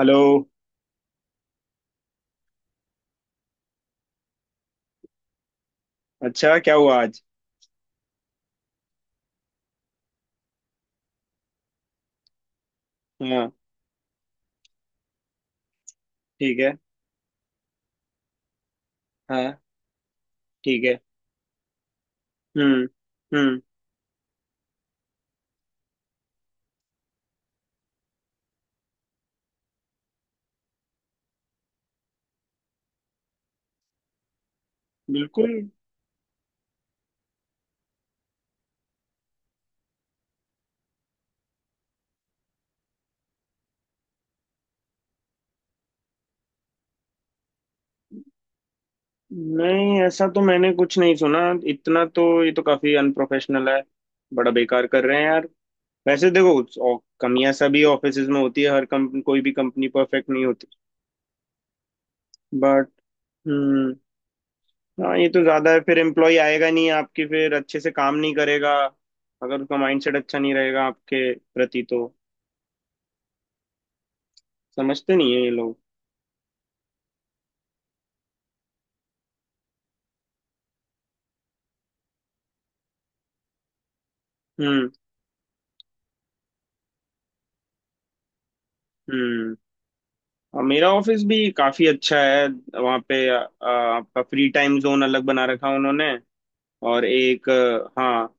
Hello. अच्छा, क्या हुआ आज? हाँ। ठीक है। हाँ। ठीक है। हम्म। हम्म। बिल्कुल। नहीं, ऐसा तो मैंने कुछ नहीं सुना। इतना तो ये तो काफी अनप्रोफेशनल है। बड़ा बेकार कर रहे हैं यार। वैसे देखो, कमियां सभी ऑफिसेज में होती है, हर कंपनी, कोई भी कंपनी परफेक्ट नहीं होती। बट। हम्म। हाँ, ये तो ज्यादा है। फिर एम्प्लॉय आएगा नहीं आपकी, फिर अच्छे से काम नहीं करेगा। अगर उसका माइंडसेट अच्छा नहीं रहेगा आपके प्रति, तो समझते नहीं है ये लोग। हम्म। हम्म। हाँ, मेरा ऑफिस भी काफी अच्छा है। वहाँ पे आपका फ्री टाइम जोन अलग बना रखा उन्होंने। और एक हाँ।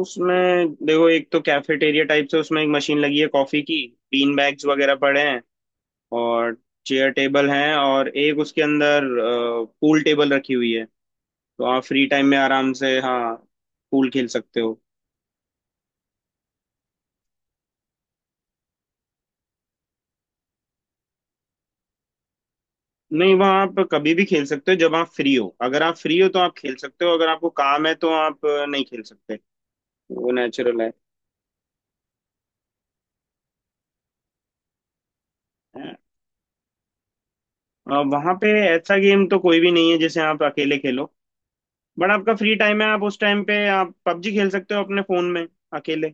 उसमें देखो, एक तो कैफेटेरिया टाइप से, उसमें एक मशीन लगी है कॉफी की। बीन बैग्स वगैरह पड़े हैं। और चेयर टेबल हैं, और एक उसके अंदर पूल टेबल रखी हुई है। तो आप फ्री टाइम में आराम से, हाँ, पूल खेल सकते हो। नहीं, वहाँ आप कभी भी खेल सकते हो, जब आप फ्री हो। अगर आप फ्री हो तो आप खेल सकते हो, अगर आपको काम है तो आप नहीं खेल सकते। वो नेचुरल है। वहां पे ऐसा गेम तो कोई भी नहीं है जिसे आप अकेले खेलो। बट आपका फ्री टाइम है, आप उस टाइम पे आप पबजी खेल सकते हो अपने फोन में अकेले।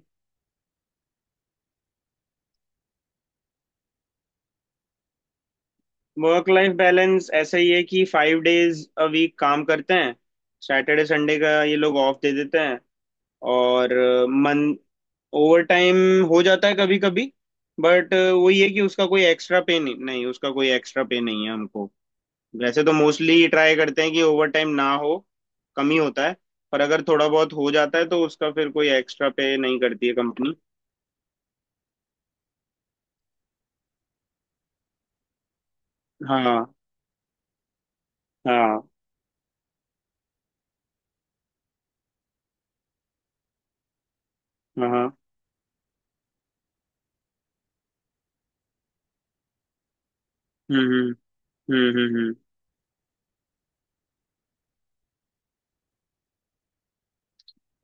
वर्क लाइफ बैलेंस ऐसा ही है कि 5 डेज अ वीक काम करते हैं। सैटरडे संडे का ये लोग ऑफ दे देते हैं। और मन। ओवर टाइम हो जाता है कभी कभी। बट वही है कि उसका कोई एक्स्ट्रा पे नहीं, नहीं उसका कोई एक्स्ट्रा पे नहीं है हमको। वैसे तो मोस्टली ट्राई करते हैं कि ओवर टाइम ना हो, कम ही होता है। पर अगर थोड़ा बहुत हो जाता है तो उसका फिर कोई एक्स्ट्रा पे नहीं करती है कंपनी। हाँ हाँ हाँ। हम्म हम्म हम्म हम्म हम्म।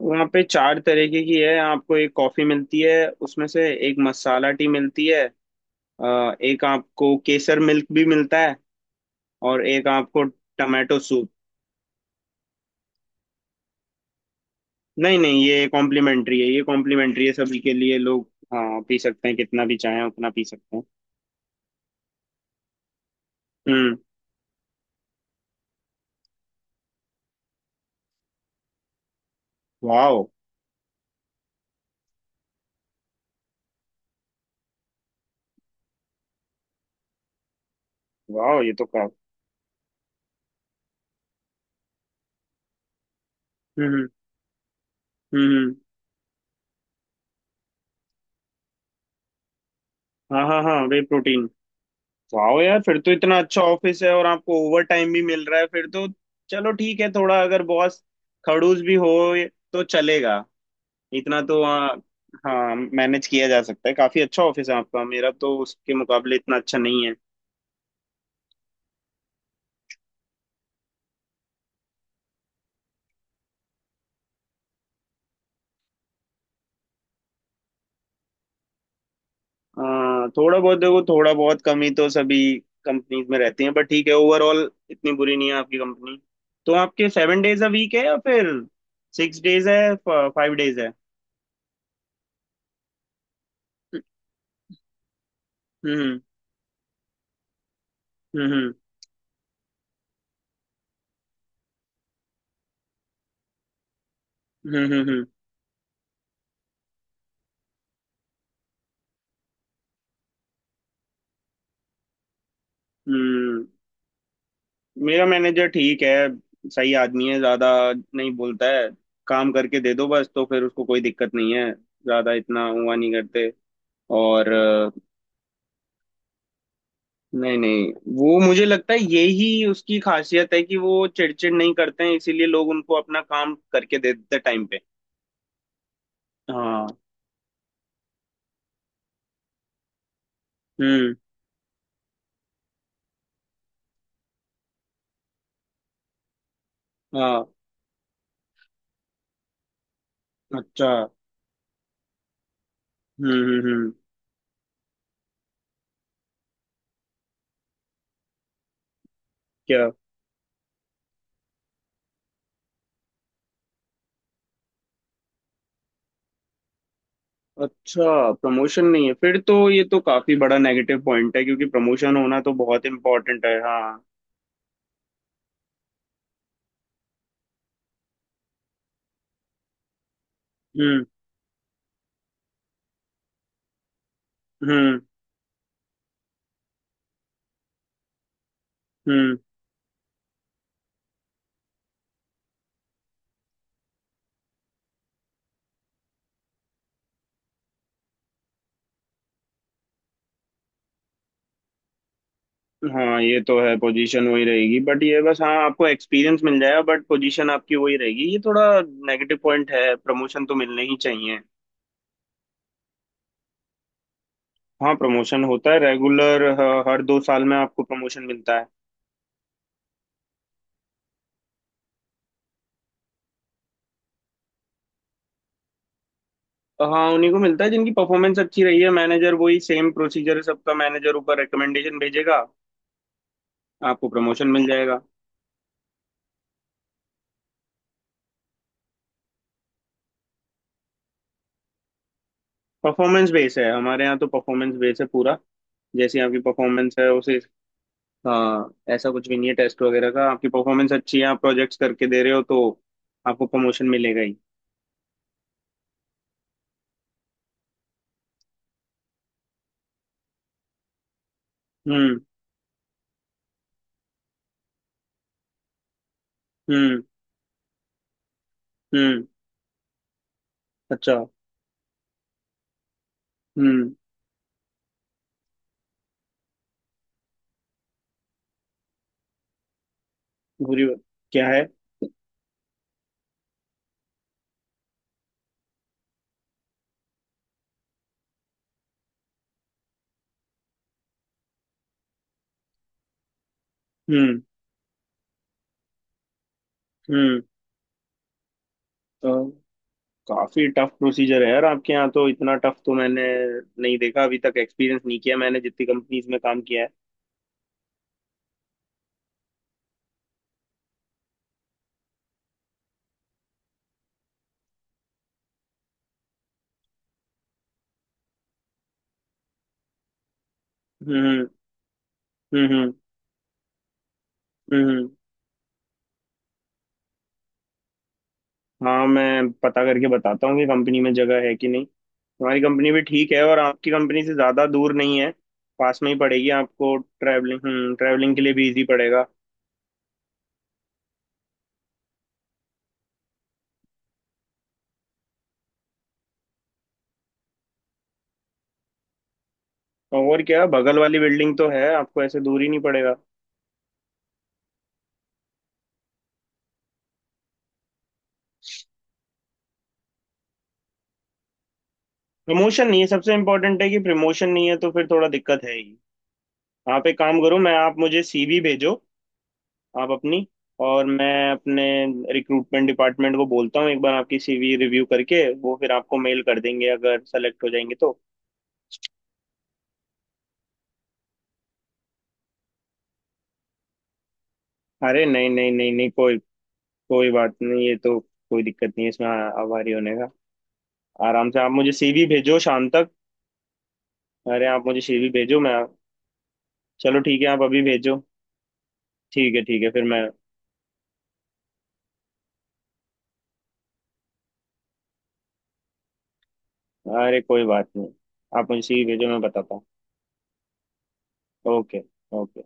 वहाँ पे चार तरीके की है, आपको एक कॉफी मिलती है उसमें से, एक मसाला टी मिलती है। एक आपको केसर मिल्क भी मिलता है। और एक आपको टमाटो सूप। नहीं नहीं, ये कॉम्प्लीमेंट्री है, ये कॉम्प्लीमेंट्री है सभी के लिए लोग। हाँ, पी सकते हैं, कितना भी चाहें उतना पी सकते हैं। हम्म। वाह। वाह, ये तो का। हम्म। हम्म। हाँ हाँ हाँ, वे प्रोटीन। वाह यार, फिर तो इतना अच्छा ऑफिस है और आपको ओवर टाइम भी मिल रहा है, फिर तो चलो ठीक है, थोड़ा अगर बॉस खड़ूस भी हो तो चलेगा। इतना तो हाँ, मैनेज किया जा सकता है, काफी अच्छा ऑफिस है आपका। मेरा तो उसके मुकाबले इतना अच्छा नहीं है। थोड़ा बहुत देखो, थोड़ा बहुत कमी तो सभी कंपनीज में रहती है, बट ठीक है, ओवरऑल इतनी बुरी नहीं है आपकी कंपनी। तो आपके 7 डेज अ वीक है, या फिर 6 डेज है, 5 डेज है? हम्म हम्म हम्म हम्म हम्म। हम्म, हम्म। मेरा मैनेजर ठीक है, सही आदमी है, ज्यादा नहीं बोलता है। काम करके दे दो बस, तो फिर उसको कोई दिक्कत नहीं है, ज्यादा इतना हुआ नहीं करते। और नहीं नहीं, वो मुझे लगता है यही उसकी खासियत है कि वो चिड़चिड़ नहीं करते हैं, इसीलिए लोग उनको अपना काम करके दे देते टाइम पे। हाँ। हम्म। हाँ। अच्छा। हम्म। क्या? अच्छा, प्रमोशन नहीं है? फिर तो ये तो काफी बड़ा नेगेटिव पॉइंट है, क्योंकि प्रमोशन होना तो बहुत इम्पोर्टेंट है, हाँ। हम्म हम्म हम्म। हाँ, ये तो है, पोजीशन वही रहेगी, बट ये बस, हाँ, आपको एक्सपीरियंस मिल जाएगा, बट पोजीशन आपकी वही रहेगी, ये थोड़ा नेगेटिव पॉइंट है, प्रमोशन तो मिलने ही चाहिए। हाँ, प्रमोशन होता है रेगुलर। हर 2 साल में आपको प्रमोशन मिलता है। हाँ, उन्हीं को मिलता है जिनकी परफॉर्मेंस अच्छी रही है, मैनेजर, वही सेम प्रोसीजर है सबका, मैनेजर ऊपर रिकमेंडेशन भेजेगा, आपको प्रमोशन मिल जाएगा। परफॉर्मेंस बेस है हमारे यहाँ, तो परफॉर्मेंस बेस है पूरा, जैसी आपकी परफॉर्मेंस है उसे। हाँ, ऐसा कुछ भी नहीं है टेस्ट वगैरह का, आपकी परफॉर्मेंस अच्छी है, आप प्रोजेक्ट्स करके दे रहे हो तो आपको प्रमोशन मिलेगा ही। हम्म हम्म हम्म। अच्छा। हम्म। बुरी बात क्या है? हम्म। हम्म। तो काफी टफ प्रोसीजर है यार आपके यहाँ, तो इतना टफ तो मैंने नहीं देखा अभी तक, एक्सपीरियंस नहीं किया मैंने जितनी कंपनीज में काम किया है। हम्म हम्म हम्म हम्म। हाँ, मैं पता करके बताता हूँ कि कंपनी में जगह है कि नहीं। हमारी कंपनी भी ठीक है, और आपकी कंपनी से ज़्यादा दूर नहीं है, पास में ही पड़ेगी आपको। ट्रैवलिंग, हम्म, ट्रैवलिंग के लिए भी इजी पड़ेगा। और क्या, बगल वाली बिल्डिंग तो है, आपको ऐसे दूर ही नहीं पड़ेगा। प्रमोशन नहीं है, सबसे इम्पोर्टेंट है कि प्रमोशन नहीं है, तो फिर थोड़ा दिक्कत है ही। आप एक काम करो, मैं आप मुझे सीवी भेजो, आप अपनी, और मैं अपने रिक्रूटमेंट डिपार्टमेंट को बोलता हूँ, एक बार आपकी सीवी रिव्यू करके वो फिर आपको मेल कर देंगे, अगर सेलेक्ट हो जाएंगे तो। अरे नहीं नहीं नहीं नहीं, कोई कोई बात नहीं, ये तो कोई दिक्कत नहीं है इसमें आभारी होने का। आराम से आप मुझे सीवी भेजो शाम तक। अरे, आप मुझे सीवी भेजो, मैं। चलो ठीक है, आप अभी भेजो। ठीक है, ठीक है, फिर मैं। अरे कोई बात नहीं, आप मुझे सीवी भेजो, मैं बताता हूँ। ओके। ओके।